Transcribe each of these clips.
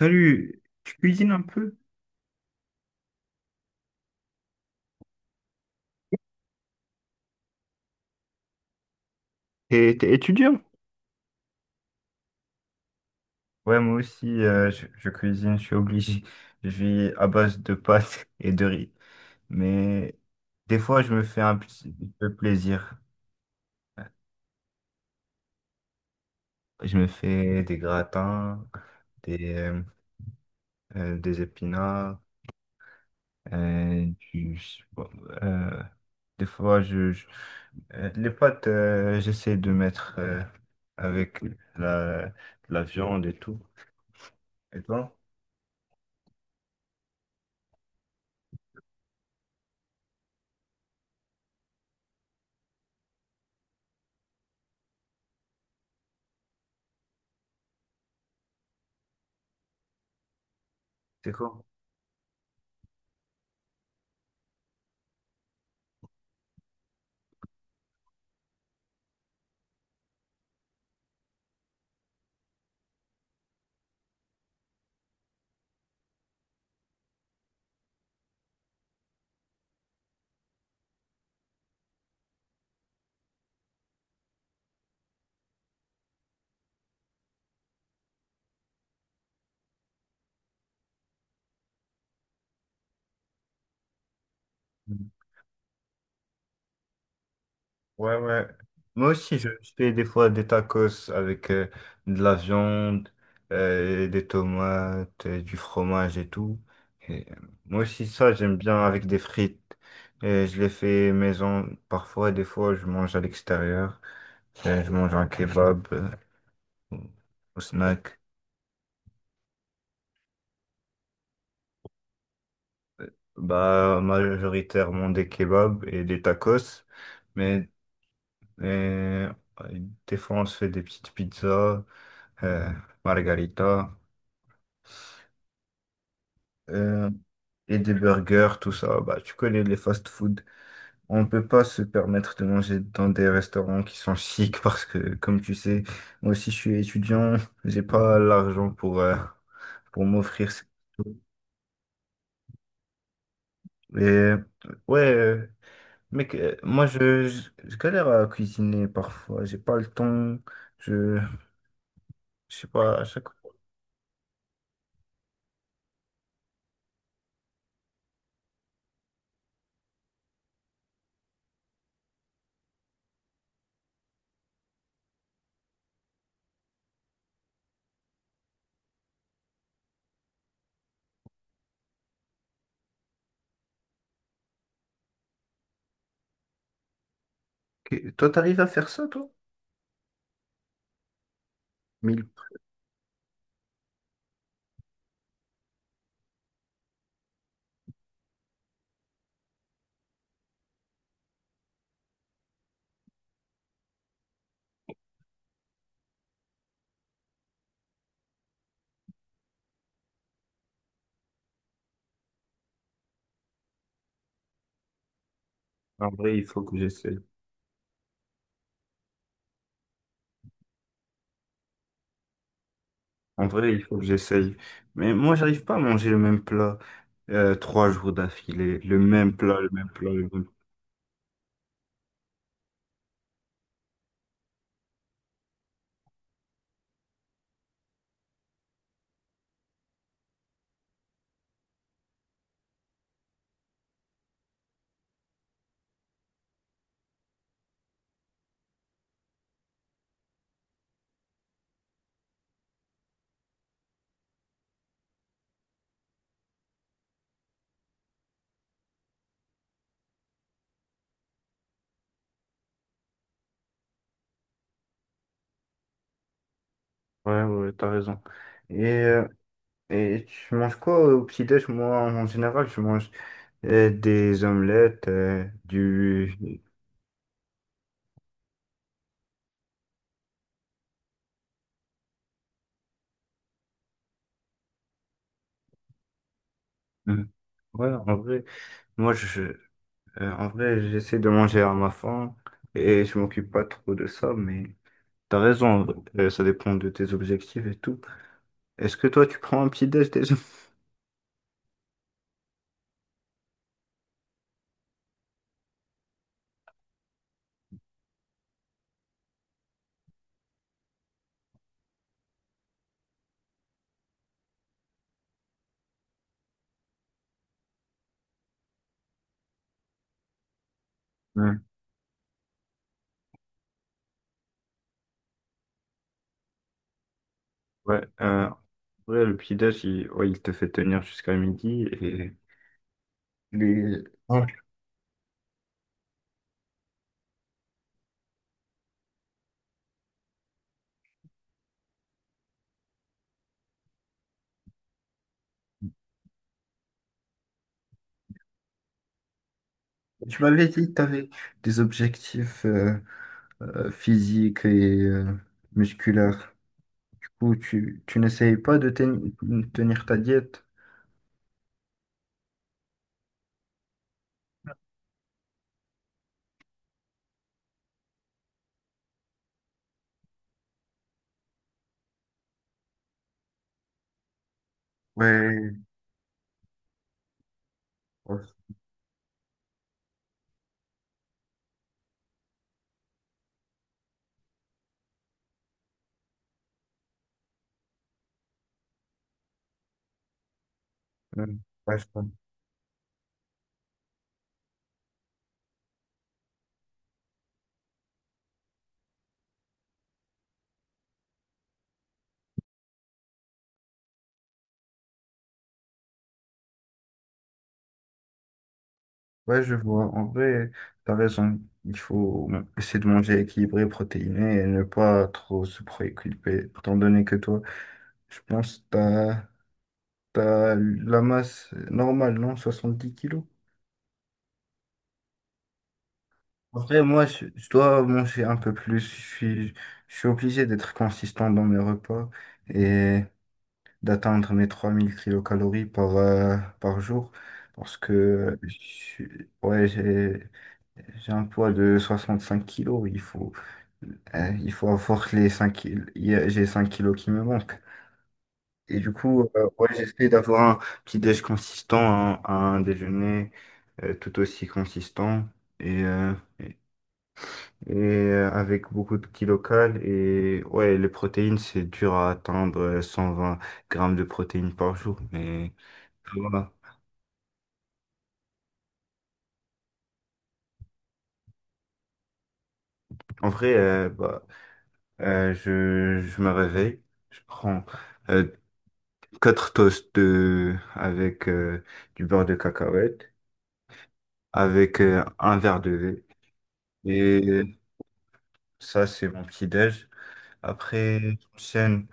Salut, tu cuisines un peu? T'es, t'es étudiant? Ouais, moi aussi, je cuisine, je suis obligé. Je vis à base de pâtes et de riz. Mais des fois, je me fais un petit peu plaisir. Je me fais des gratins, des, euh, des épinards, euh, du, je euh, des fois, les pâtes, j'essaie de mettre avec la, la viande et tout. Et toi, c'est quoi? Ouais, ouais. Moi aussi, je fais des fois des tacos avec de la viande, des tomates, du fromage et tout. Et, euh, Moi aussi, ça, j'aime bien avec des frites. Et je les fais maison parfois, des fois, je mange à l'extérieur. Je mange un kebab au au snack. Bah, majoritairement des kebabs et des tacos. Mais euh, des fois, on se fait des petites pizzas, euh, margarita. Euh, et des burgers, tout ça. Bah, tu connais les fast-food. On ne peut pas se permettre de manger dans des restaurants qui sont chics parce que, comme tu sais, moi aussi je suis étudiant, j'ai pas l'argent pour m'offrir ces trucs. Et ouais, mec, moi je galère à cuisiner parfois, j'ai pas le temps, je, je sais pas, à chaque fois. Ok, toi, t'arrives à faire ça, toi? Mille. En vrai, il faut que j'essaie. En vrai, il faut que j'essaye. Mais moi, j'arrive pas à manger le même plat trois jours d'affilée. Le même plat, le même plat, le même... Ouais, ouais, t'as raison. Et, euh, et tu manges quoi au petit-déj? Moi, en général, je mange des omelettes, du... Mm. Ouais, en vrai, moi, je, en vrai, j'essaie de manger à ma faim et je m'occupe pas trop de ça, mais t'as raison, ça dépend de tes objectifs et tout. Est-ce que toi, tu prends un petit-déj déjà? Mm. Ouais, euh, Ouais, le petit-déj, il, ouais, il te fait tenir jusqu'à midi et les... Ah, tu m'avais dit que tu avais des objectifs physiques et musculaires. Du coup, tu n'essayes pas de tenir ta diète? Ouais, ouais, ouais, ouais, je vois. Ouais, je vois. En vrai, t'as raison. Il faut essayer de manger équilibré, protéiné et ne pas trop se préoccuper, étant donné que toi, je pense que t'as as, la masse normale, non? 70 kilos? Après, je dois manger un peu plus. Je suis obligé d'être consistant dans mes repas et d'atteindre mes 3000 kilocalories par, par jour parce que ouais, j'ai un poids de 65 kilos. Il faut avoir les 5 kilos. J'ai 5 kilos qui me manquent. Et du coup, ouais, j'essaie d'avoir un petit déj consistant, un déjeuner tout aussi consistant. Et, euh, Avec beaucoup de qui local. Et ouais, les protéines, c'est dur à atteindre 120 grammes de protéines par jour. Mais voilà. En vrai, je me réveille, je prends euh, 4 toasts avec du beurre de cacahuète, avec un verre de lait. Et ça, c'est mon petit-déj. Après, j'enchaîne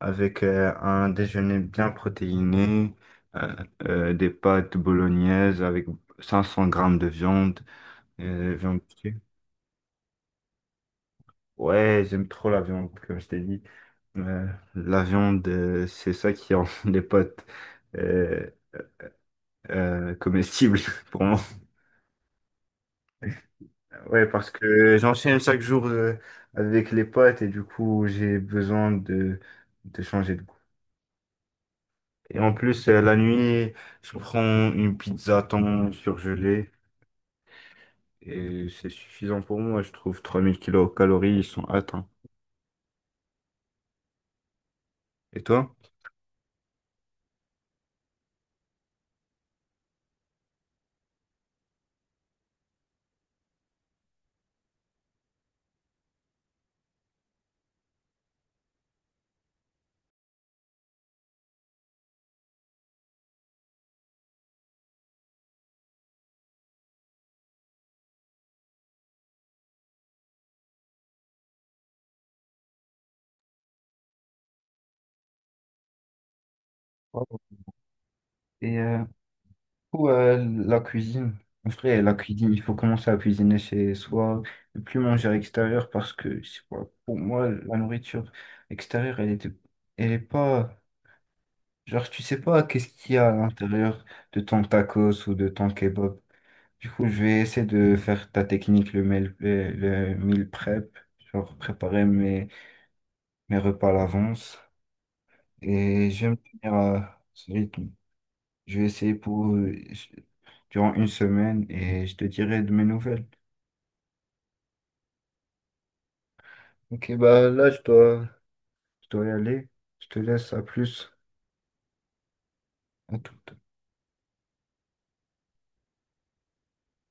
avec un déjeuner bien protéiné, euh, des pâtes bolognaises avec 500 grammes de viande, viande hachée. Ouais, j'aime trop la viande, comme je t'ai dit. Euh, la viande, c'est ça qui rend les pâtes euh, comestibles pour moi. Ouais, parce que j'enchaîne chaque jour avec les pâtes et du coup, j'ai besoin de changer de goût. Et en plus, la nuit, je prends une pizza thon surgelée. Et c'est suffisant pour moi, je trouve. 3000 kilocalories, ils sont atteints. Et toi? Ouais. Et pour la cuisine, en vrai, la cuisine, il faut commencer à cuisiner chez soi, ne plus manger à l'extérieur parce que, je sais pas, pour moi, la nourriture extérieure, elle est pas. Genre, tu sais pas qu'est-ce qu'il y a à l'intérieur de ton tacos ou de ton kebab. Du coup, je vais essayer de faire ta technique, le meal prep, genre préparer mes repas à l'avance. Et je vais me tenir à ce rythme. Je vais essayer pour durant une semaine et je te dirai de mes nouvelles. Ok, bah là, je dois y aller. Je te laisse, à plus. À tout.